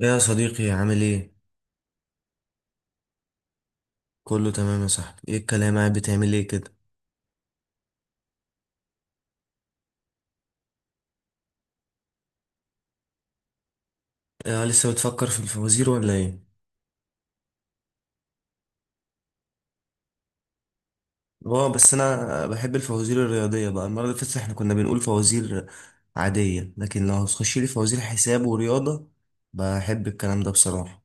يا صديقي، عامل ايه؟ كله تمام يا صاحبي، ايه الكلام؟ قاعد بتعمل ايه كده؟ آه، لسه بتفكر في الفوازير ولا ايه؟ اه، بس انا بحب الفوازير الرياضية بقى، المرة اللي فاتت احنا كنا بنقول فوازير عادية، لكن لو هتخش لي فوازير حساب ورياضة، بحب الكلام ده بصراحة.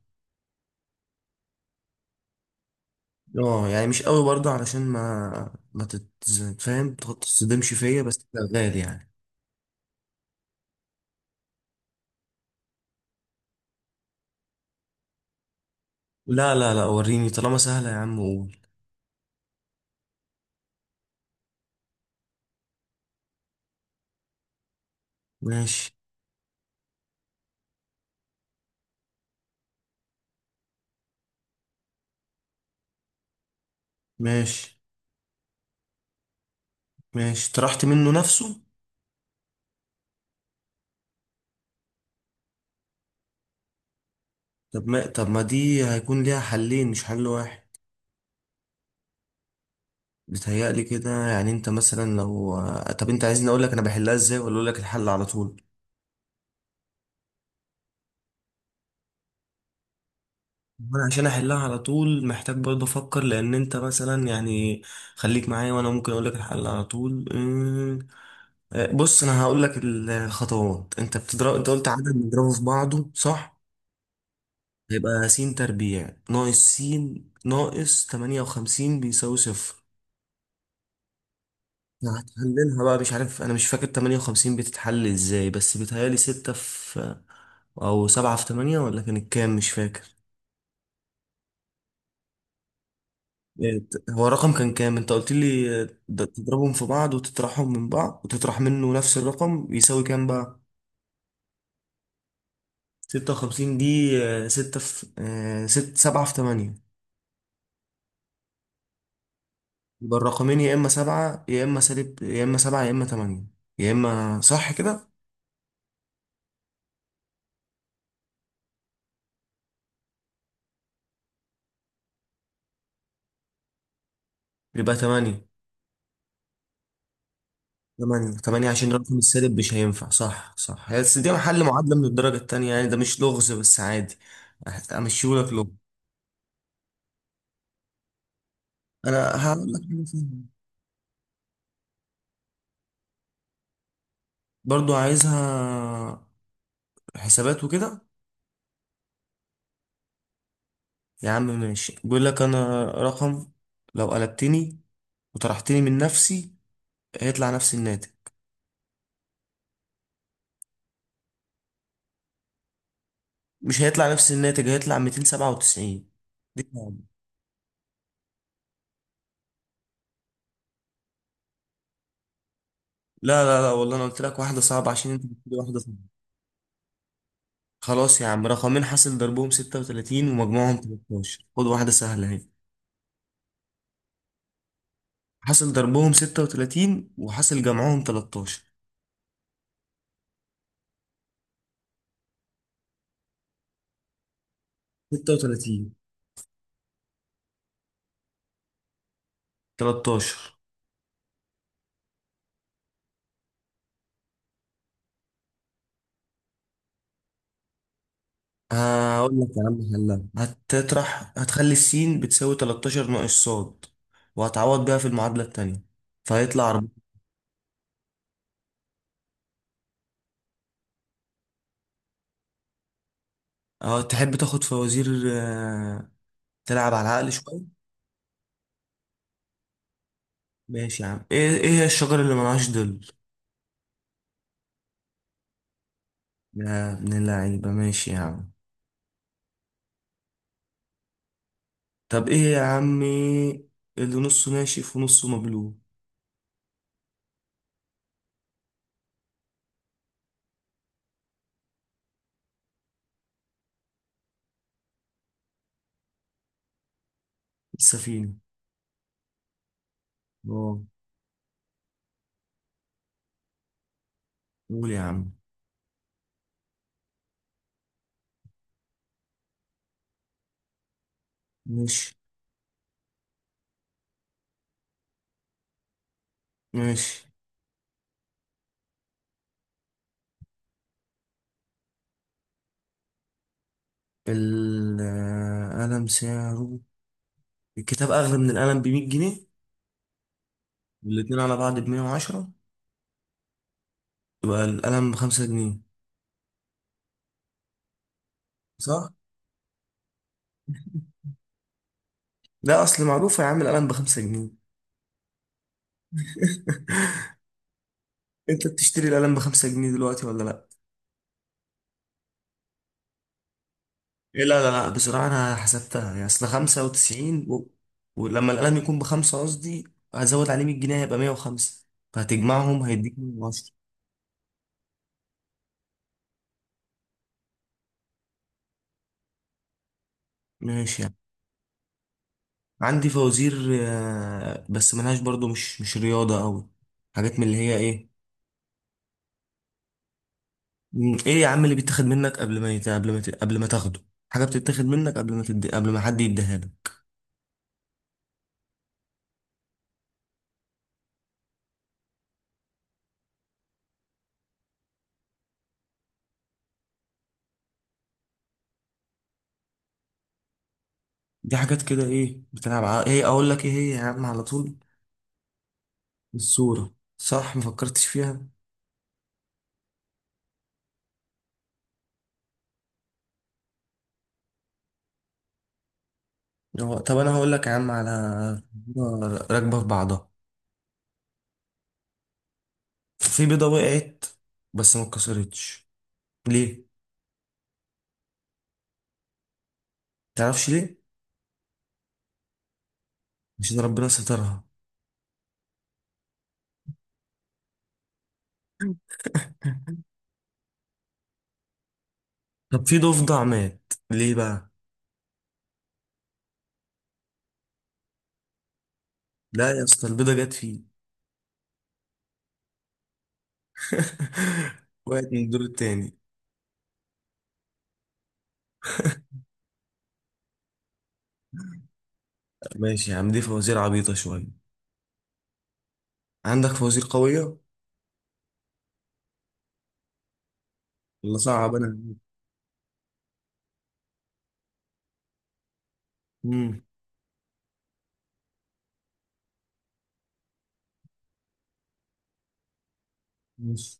اه، يعني مش قوي برضه علشان ما فاهم؟ تتصدمش فيا، بس شغال يعني. لا، لا، لا، وريني طالما سهلة يا عم، قول. ماشي، ماشي، ماشي، طرحت منه نفسه؟ طب ما دي هيكون ليها حلين مش حل واحد. بيتهيألي كده، يعني انت مثلا لو... طب انت عايزني اقول لك انا بحلها ازاي ولا اقول لك الحل على طول؟ انا عشان احلها على طول محتاج برضه افكر، لان انت مثلا يعني... خليك معايا وانا ممكن اقول لك الحل على طول. آه، بص انا هقول لك الخطوات. انت قلت عدد بنضربه في بعضه، صح؟ هيبقى س تربيع ناقص س ناقص 58 بيساوي صفر. هتحللها بقى. مش عارف، انا مش فاكر 58 بتتحل ازاي، بس بيتهيألي 6 في... او 7 في 8، ولا كانت كام؟ مش فاكر. إيه، هو الرقم كان كام انت قلت لي؟ آه، ده تضربهم في بعض وتطرحهم من بعض وتطرح منه نفس الرقم يساوي كام بقى؟ 56 دي، 6 في 6، 7 في 8. يبقى الرقمين يا اما 7 يا اما سالب، يا اما 7 يا اما 8، يا اما صح كده. يبقى 8. تمانية عشان الرقم السالب مش هينفع. صح، صح. هي بس دي محل معادلة من الدرجة التانية، يعني ده مش لغز، بس عادي. أمشيهولك لغز؟ أنا هقول لك حاجة سهلة. برضو عايزها حسابات وكده. يا عم ماشي، بيقول لك أنا رقم، لو قلبتني وطرحتني من نفسي هيطلع نفس الناتج. مش هيطلع نفس الناتج، هيطلع 297. دي صعبة. لا، لا، لا، والله أنا قلت لك واحدة صعبة عشان أنت بتقولي واحدة. خلاص يا عم، رقمين حاصل ضربهم 36 ومجموعهم 13، خد واحدة سهلة اهي. حاصل ضربهم 36 وحاصل جمعهم 13. 36، 13. هقول لك يا عم حلها. هتخلي السين بتساوي 13 ناقص صاد، وهتعوض بيها في المعادلة التانية، فهيطلع 4. اه، تحب تاخد فوازير؟ آه، تلعب على العقل شوية؟ ماشي يا عم. ايه هي الشجرة اللي ملهاش ظل؟ يا ابن اللعيبة، ماشي يا عم. طب ايه يا عمي اللي نصه ناشف ونصه مبلول؟ السفينة. اه. قول يا عم. ماشي. ماشي. القلم سعره... الكتاب أغلى من القلم ب100 جنيه، والاتنين على بعض ب110، يبقى القلم بخمسة جنيه. صح؟ لا، أصل معروفة يا عم القلم بخمسة جنيه. أنت بتشتري القلم بخمسة جنيه دلوقتي ولا لأ؟ إيه، لا، لا، لا، بصراحة أنا حسبتها. يعني أصل 95 ولما القلم يكون بخمسة قصدي، هزود عليه 100 جنيه هيبقى 105، فهتجمعهم هيديك 110. ماشي يعني. عندي فوازير، آه، بس ملهاش برضو مش رياضة أوي. حاجات من اللي هي إيه... إيه يا عم اللي بيتاخد منك قبل ما تاخده؟ حاجة بتتاخد منك قبل ما حد يديها لك. دي حاجات كده إيه إيه أقول لك إيه هي يا عم على طول؟ الصورة. صح، مفكرتش فيها. طب انا هقول لك يا عم على... بيضة راكبه في بعضها. في بيضه وقعت بس ما اتكسرتش، ليه؟ تعرفش ليه؟ عشان ربنا سترها. طب في ضفدع مات ليه بقى؟ لا يا اسطى، البيضه جت فيه. وقعت من الدور التاني. ماشي يا عم، دي فوازير عبيطه شويه. عندك فوازير قويه ولا صعب انا؟ امم. ماشي.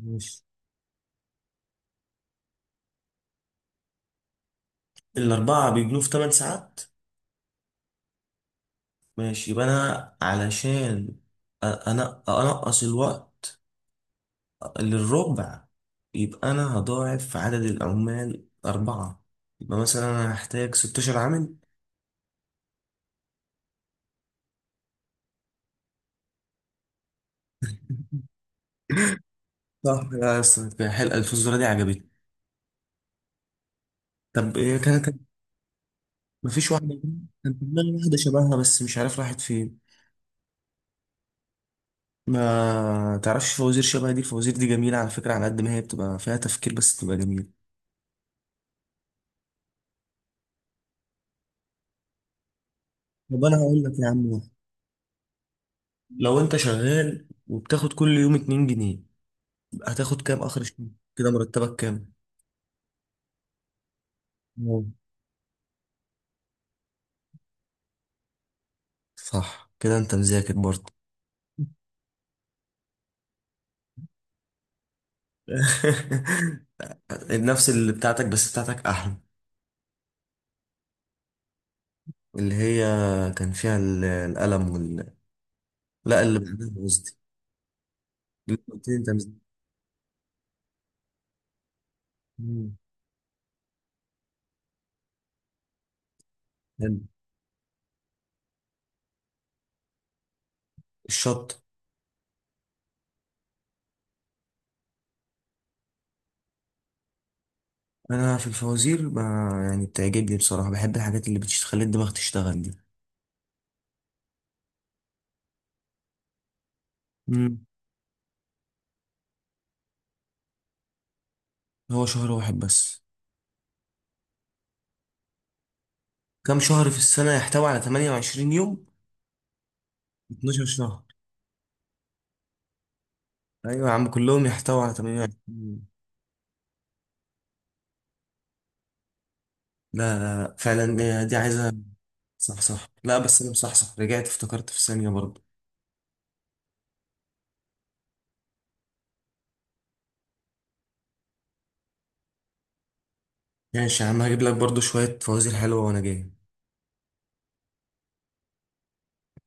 ماشي. الاربعه بيجنوا في 8 ساعات. ماشي، يبقى انا علشان انا انقص الوقت للربع، يبقى أنا هضاعف عدد العمال أربعة، يبقى مثلا أنا هحتاج 16 عامل. صح يا أسطى، حلقة الفلوس دي عجبتني. طب إيه كانت؟ مفيش واحدة كده؟ كان في دماغي واحدة شبهها، بس مش عارف راحت فين. ما تعرفش فوازير شبه دي؟ الفوازير دي جميلة على فكرة، على قد ما هي بتبقى فيها تفكير بس بتبقى جميلة. طب أنا هقول لك يا عم واحد. لو أنت شغال وبتاخد كل يوم 2 جنيه، هتاخد كام آخر الشهر؟ كده مرتبك كام؟ مم. صح كده، أنت مذاكر برضه. نفس اللي بتاعتك، بس بتاعتك احلى. اللي هي كان فيها القلم لا، اللي بعدها قصدي. اللي قلت لي انت مم. حلو. الشط. انا في الفوازير يعني بتعجبني بصراحه، بحب الحاجات اللي بتخلي الدماغ تشتغل دي. مم. هو شهر واحد بس؟ كم شهر في السنه يحتوي على 28 يوم؟ 12 شهر. ايوه يا عم، كلهم يحتوي على 28 يوم. لا، لا، لا، فعلا دي عايزه... صح، صح، لا بس انا مصحصح، رجعت افتكرت في ثانيه برضه. ماشي يا عم، هجيب لك برضو شوية فوازير حلوة وأنا جاي.